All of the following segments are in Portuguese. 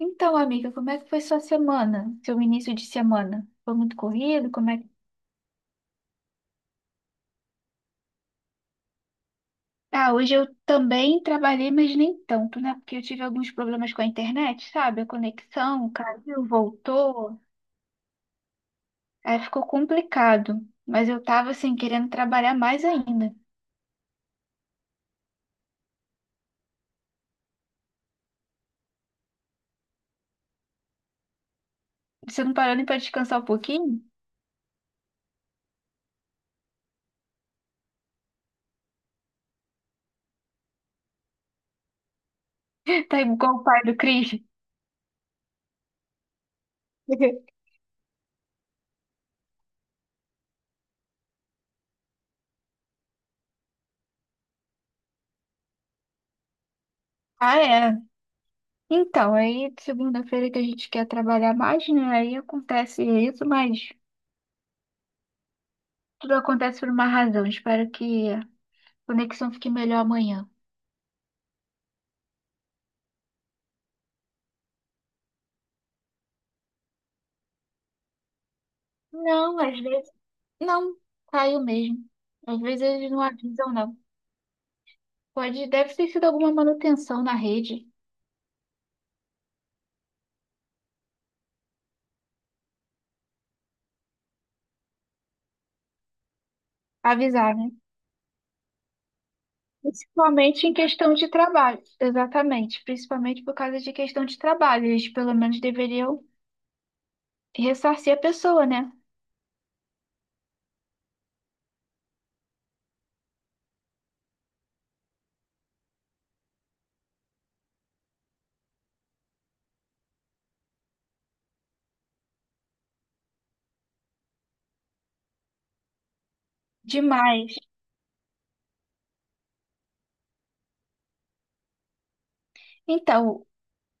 Então, amiga, como é que foi sua semana? Seu início de semana? Foi muito corrido? Ah, hoje eu também trabalhei, mas nem tanto, né? Porque eu tive alguns problemas com a internet, sabe? A conexão caiu, voltou. Aí ficou complicado. Mas eu tava, assim, querendo trabalhar mais ainda. Você não parou nem pra descansar um pouquinho? Tá igual o pai do Cris. Ah, é. Então, aí segunda-feira que a gente quer trabalhar mais, né? Aí acontece isso, mas tudo acontece por uma razão. Espero que conexão fique melhor amanhã. Não, às vezes não. Caiu mesmo. Às vezes eles não avisam, não. Pode, deve ter sido alguma manutenção na rede. Avisar, né? Principalmente em questão de trabalho. Exatamente. Principalmente por causa de questão de trabalho. Eles pelo menos deveriam ressarcir a pessoa, né? Demais. Então,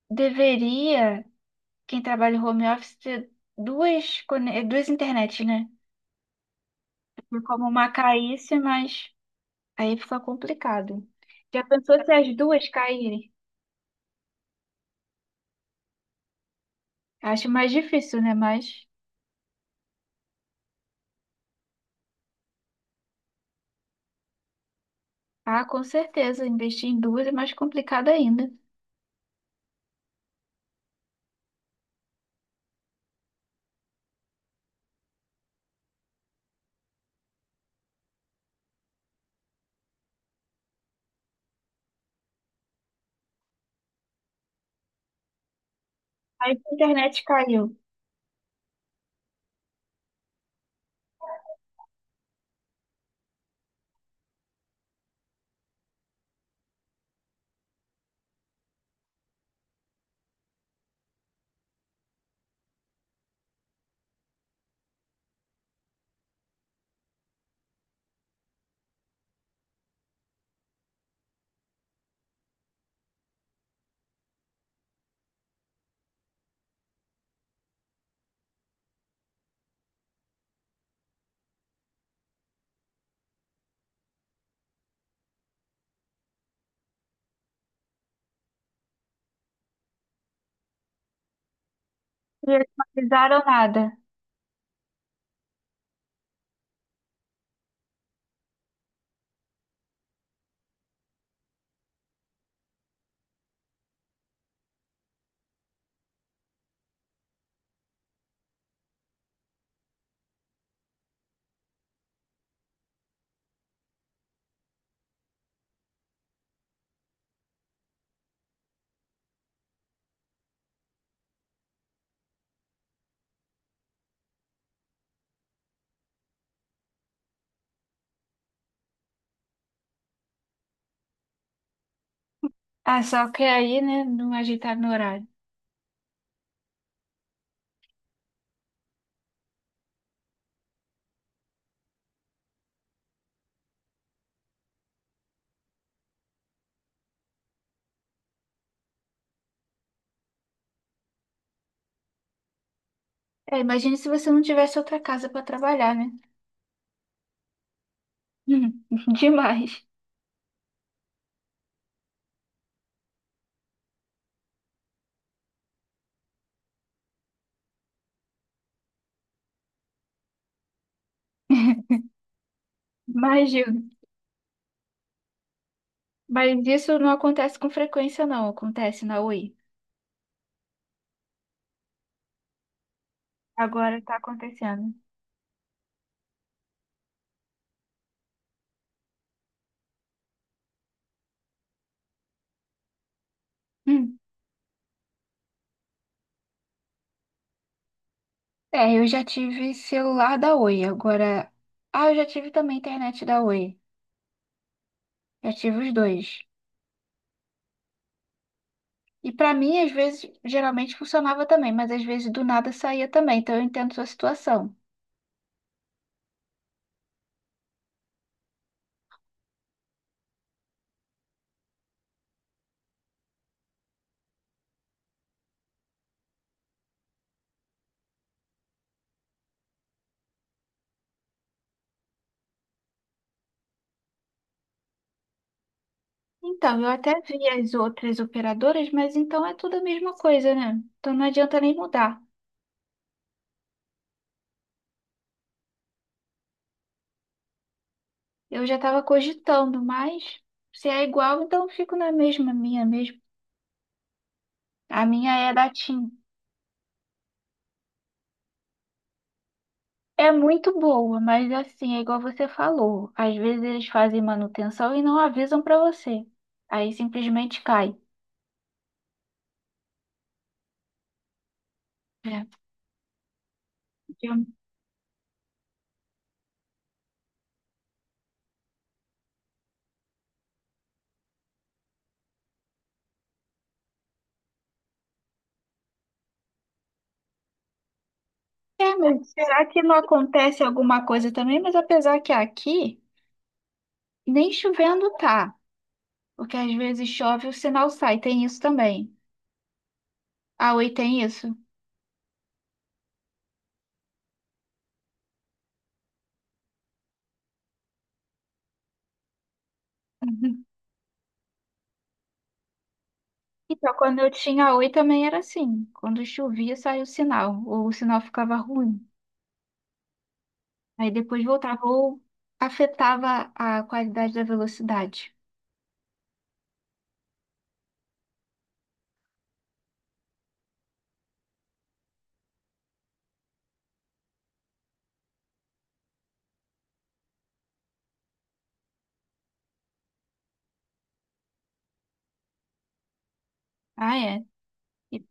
deveria, quem trabalha em home office, ter duas, duas internets, né? Porque como uma caísse, mas. Aí fica complicado. Já pensou se as duas caírem? Acho mais difícil, né? Mas, ah, com certeza, investir em duas é mais complicado ainda. Aí se a internet caiu. E eles não avisaram nada. Ah, só que aí, né, não ajeitaram no horário. É, imagine se você não tivesse outra casa para trabalhar, né? Hum, demais. Imagino. Mas isso não acontece com frequência, não. Acontece na Oi. Agora tá acontecendo. É, eu já tive celular da Oi, agora. Ah, eu já tive também internet da Oi. Já tive os dois. E pra mim, às vezes, geralmente funcionava também, mas às vezes do nada saía também, então eu entendo sua situação. Então, eu até vi as outras operadoras, mas então é tudo a mesma coisa, né? Então não adianta nem mudar. Eu já estava cogitando, mas se é igual, então eu fico na mesma, minha mesmo. A minha é da TIM. É muito boa, mas assim, é igual você falou. Às vezes eles fazem manutenção e não avisam pra você. Aí simplesmente cai. É. É, mas será que não acontece alguma coisa também? Mas apesar que aqui nem chovendo tá, porque às vezes chove o sinal sai, tem isso também. A Oi tem isso. Uhum. Então, quando eu tinha a Oi também era assim. Quando chovia saía o sinal, ou o sinal ficava ruim. Aí depois voltava ou afetava a qualidade da velocidade. Ah, é. E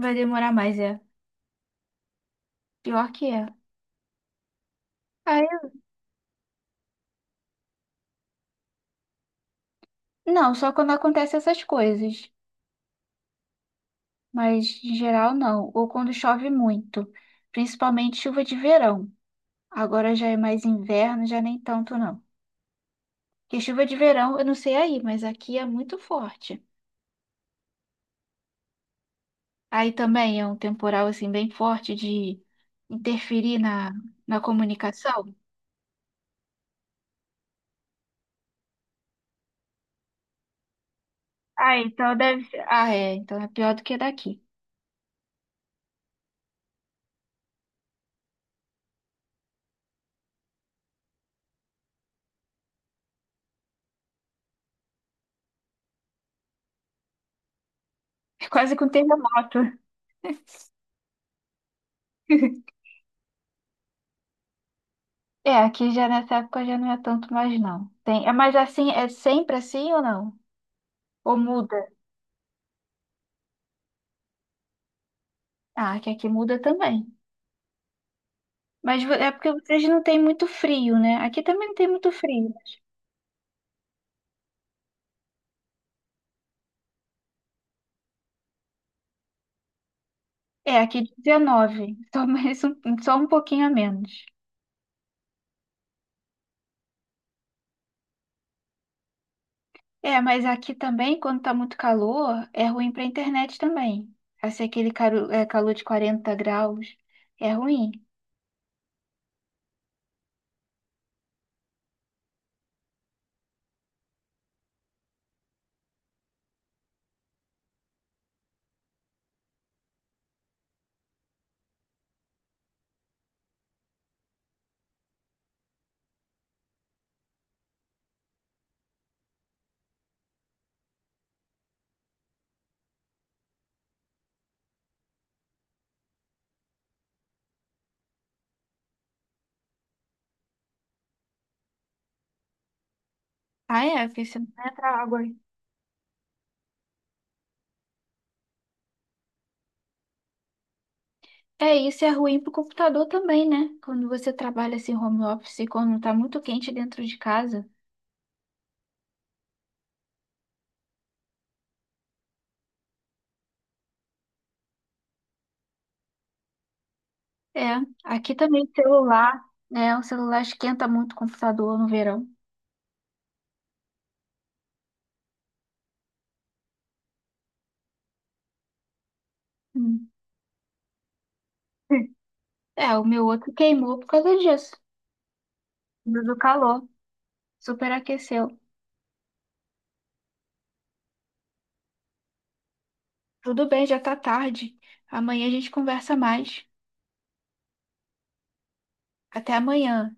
vai demorar mais, é. Pior que é. Aí, não, só quando acontecem essas coisas. Mas, em geral, não. Ou quando chove muito. Principalmente chuva de verão. Agora já é mais inverno, já nem tanto, não. Porque chuva de verão, eu não sei aí, mas aqui é muito forte. Aí também é um temporal, assim, bem forte de interferir na comunicação. Ah, então deve ser. Ah, é. Então é pior do que daqui. É quase com terremoto. É, aqui já nessa época já não é tanto mais, não. Tem, é, mas assim, é sempre assim ou não? Ou muda? Ah, que aqui muda também. Mas é porque vocês não têm muito frio, né? Aqui também não tem muito frio. É, aqui 19, só mais um, só um pouquinho a menos. É, mas aqui também, quando tá muito calor, é ruim pra internet também. Assim, aquele calor de 40 graus é ruim. Ah, é? Porque você não entra água. É, isso é ruim pro computador também, né? Quando você trabalha assim home office, quando tá muito quente dentro de casa. É, aqui também celular, né? O celular esquenta muito o computador no verão. Hum. É, o meu outro queimou por causa disso, do calor, superaqueceu. Tudo bem, já tá tarde. Amanhã a gente conversa mais. Até amanhã.